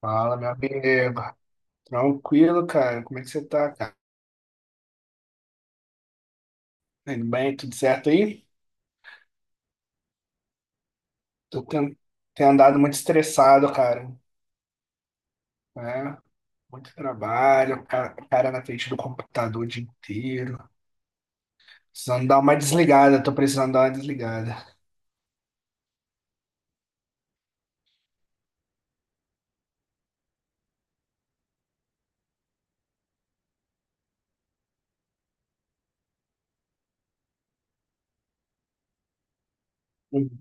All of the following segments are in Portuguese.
Fala, meu amigo. Tranquilo, cara. Como é que você tá, cara? Tudo bem? Tudo certo aí? Tô ten- Tenho andado muito estressado, cara. Né? Muito trabalho, cara na frente do computador o dia inteiro. Precisando dar uma desligada, tô precisando dar uma desligada. Uhum.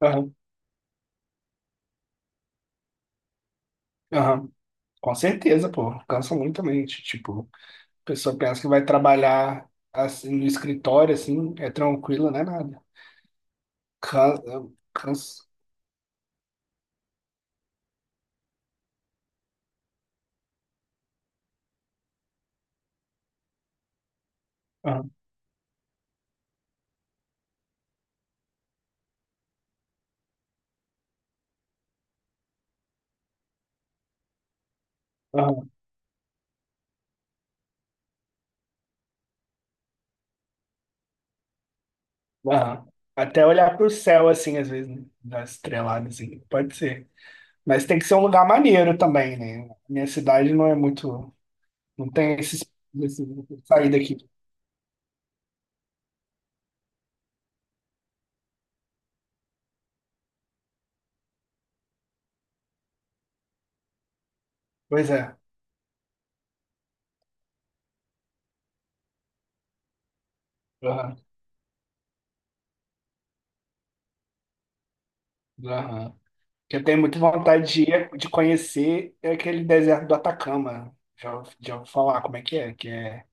Aham, aham. Com certeza, pô, cansa muito a mente. Tipo, a pessoa pensa que vai trabalhar assim no escritório, assim, é tranquilo, não é nada. Cansa, cansa. Aham, aham, aham. Até olhar pro céu, assim, às vezes, né? Dar estrelada, assim, pode ser. Mas tem que ser um lugar maneiro também, né? Minha cidade não é muito. Não tem esses, esse sair daqui. Pois é. Aham, aham. Eu tenho muita vontade de conhecer é aquele deserto do Atacama. Já ouvi falar como é que é, que é.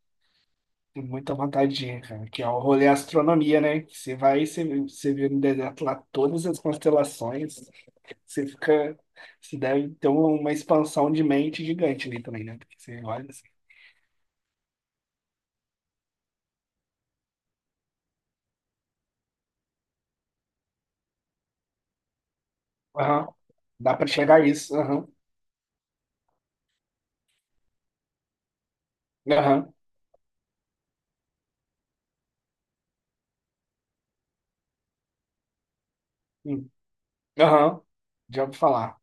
Tenho muita vontade de ir, cara, que é o rolê astronomia, né? Que você vai e você vê no deserto lá todas as constelações. Você fica. Você deve ter um, uma expansão de mente gigante ali também, né? Porque você olha assim. Aham. Dá pra chegar a isso. Aham. Aham. Hum, aham. Já ouvi falar.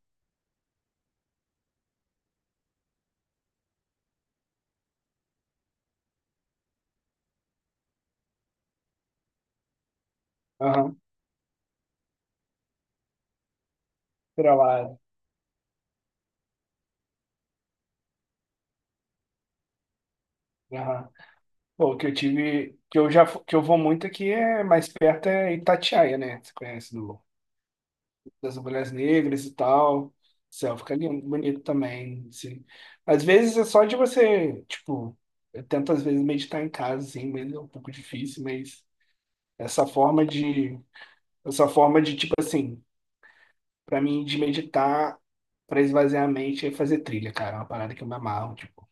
Aham. Pra lá. Aham. Bom, que eu tive, que eu vou muito aqui é mais perto é Itatiaia, né? Você conhece do, das Mulheres Negras e tal. Céu fica lindo, bonito também, assim. Às vezes é só de você, tipo, eu tento às vezes meditar em casa, assim, mas é um pouco difícil, mas essa forma de, essa forma de, tipo assim, pra mim de meditar, pra esvaziar a mente é fazer trilha, cara, é uma parada que eu me amarro, tipo,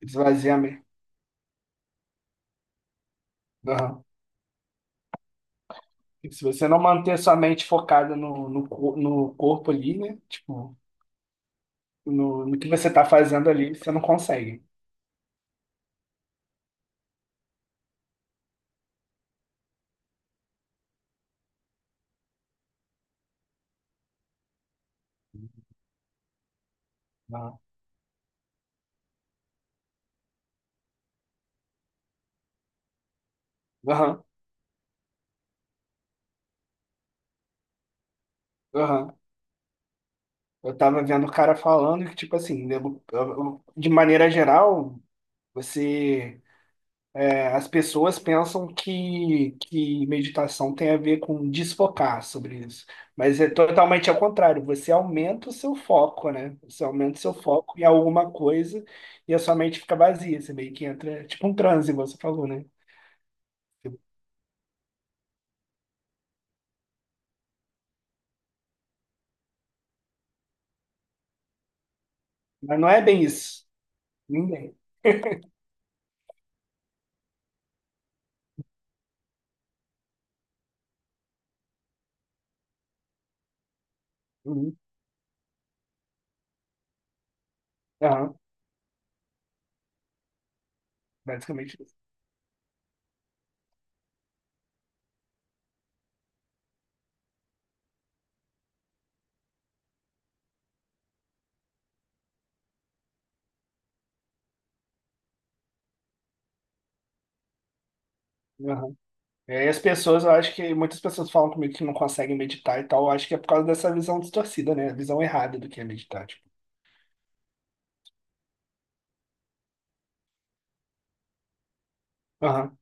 esvaziar a mente. Tipo, se você não manter sua mente focada no corpo ali, né? Tipo, no que você tá fazendo ali, você não consegue. Aham, aham, aham. Eu tava vendo o cara falando que, tipo assim, né, de maneira geral, você... As pessoas pensam que meditação tem a ver com desfocar sobre isso, mas é totalmente ao contrário. Você aumenta o seu foco, né? Você aumenta o seu foco em alguma coisa e a sua mente fica vazia. Você meio que entra, é tipo um transe, você falou, né? Mas não é bem isso. Ninguém. Uhum. Aham. Basicamente isso. Aham. É, e as pessoas, eu acho que muitas pessoas falam comigo que não conseguem meditar e tal. Eu acho que é por causa dessa visão distorcida, né? A visão errada do que é meditar, tipo. Aham.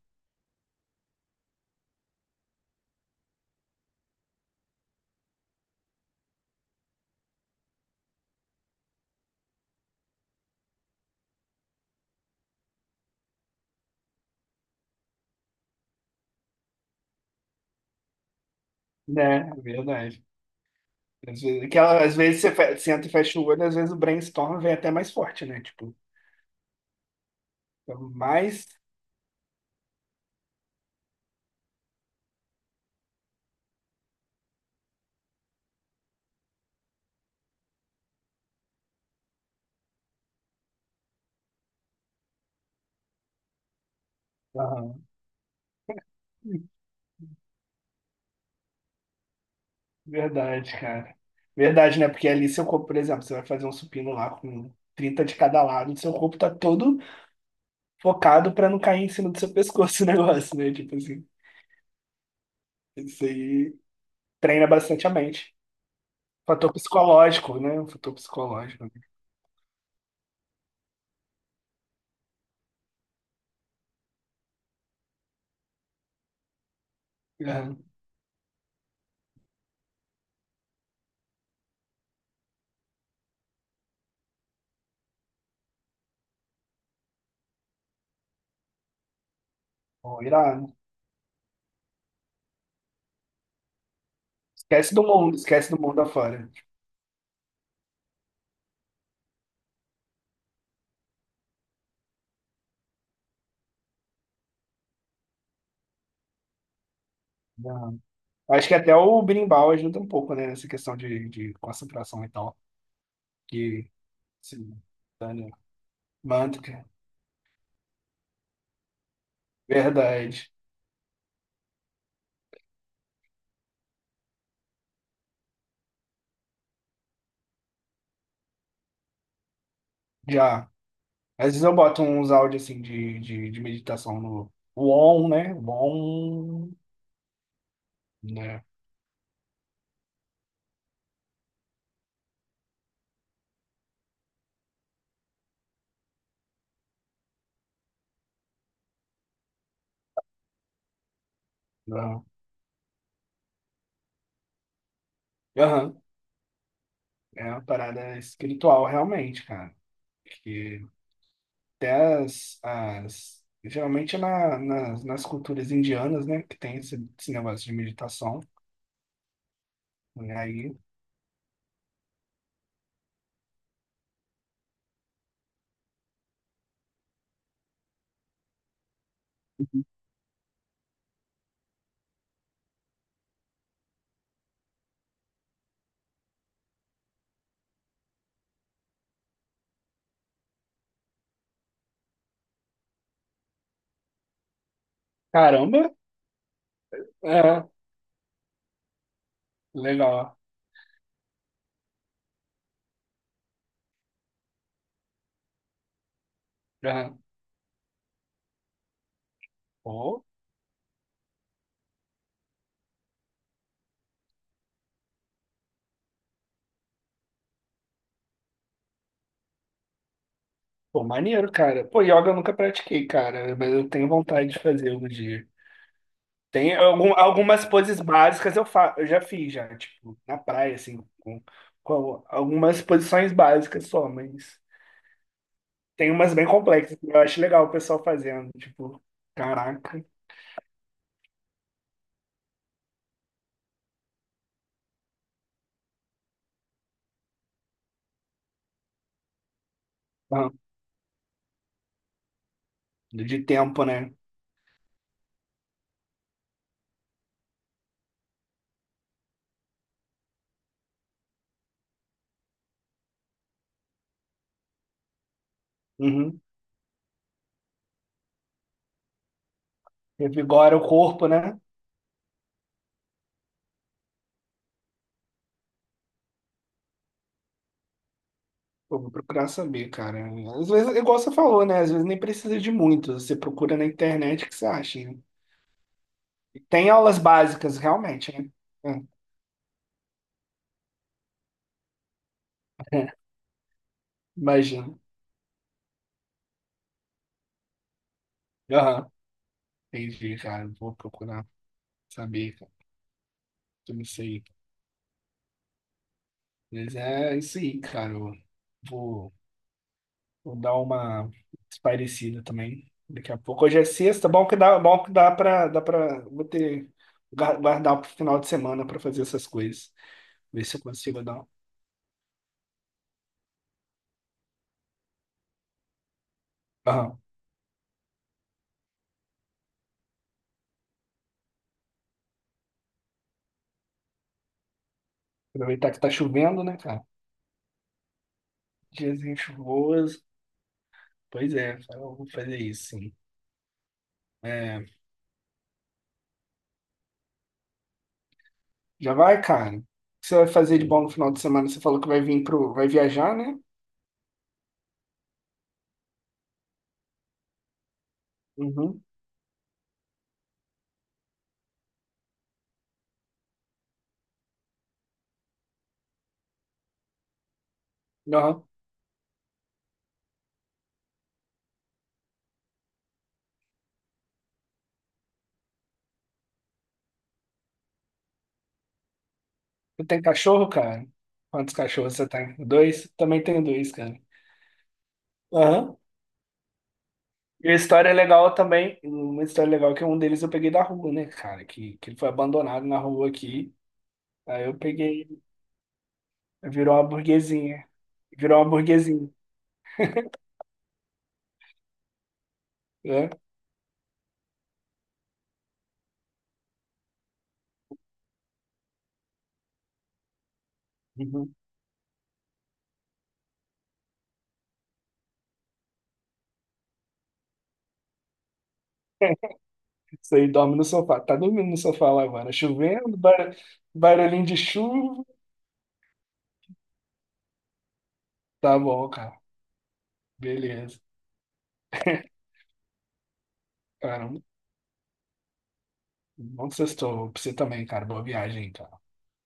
É, é verdade. Às vezes, às vezes você senta e fecha o olho, às vezes o brainstorm vem até mais forte, né? Tipo, então, mais. Aham. Verdade, cara. Verdade, né? Porque ali seu corpo, por exemplo, você vai fazer um supino lá com 30 de cada lado, seu corpo tá todo focado pra não cair em cima do seu pescoço o negócio, né? Tipo assim, isso aí treina bastante a mente. Fator psicológico, né? Um fator psicológico. Aham. Bom, irado. Esquece do mundo afora. Acho que até o berimbau ajuda um pouco, né, nessa questão de concentração e tal, que se dane. Mantra, verdade, já. Às vezes eu boto uns áudios, assim, de meditação no Won, né, não. Aham, é uma parada espiritual, realmente, cara, porque até as, as geralmente nas, nas culturas indianas, né, que tem esse, esse negócio de meditação, e aí, caramba, é, legal. Aham. Pô, pô, maneiro, cara. Pô, yoga eu nunca pratiquei, cara, mas eu tenho vontade de fazer algum dia. Tem algumas poses básicas eu, fa eu já fiz já, tipo, na praia, assim, com algumas posições básicas só, mas tem umas bem complexas. Que eu acho legal o pessoal fazendo, tipo, caraca, ah, de tempo, né? Uhum. Revigora o corpo, né? Pô, vou procurar saber, cara. Às vezes, igual você falou, né? Às vezes nem precisa de muito. Você procura na internet o que você acha, né? Tem aulas básicas, realmente, né? Hum, imagino. Aham, entendi, cara. Eu vou procurar saber, cara. Eu não sei. Mas é isso aí, cara. Eu vou, vou dar uma espairecida também. Daqui a pouco. Hoje é sexta. Bom que dá pra, dá pra. Vou ter. Guardar pro final de semana pra fazer essas coisas. Ver se eu consigo dar Aham. Aproveitar que tá chovendo, né, cara? Dias chuvoso. Pois é, cara, eu vou fazer isso, sim. É. Já vai, cara? O que você vai fazer de bom no final de semana? Você falou que vai vir pro. Vai viajar, né? Uhum. Aham. Você tem cachorro, cara? Quantos cachorros você tem? Dois? Também tenho dois, cara. Aham. E a história é legal também. Uma história legal é que um deles eu peguei da rua, né, cara? Que ele foi abandonado na rua aqui. Aí eu peguei. Virou uma burguesinha. Virou uma burguesinha. Né? Uhum. Isso aí dorme no sofá. Tá dormindo no sofá lá agora. Chovendo, bar... barulhinho de chuva. Tá bom, cara. Beleza. Cara, um bom sextou pra você também, cara. Boa viagem, então.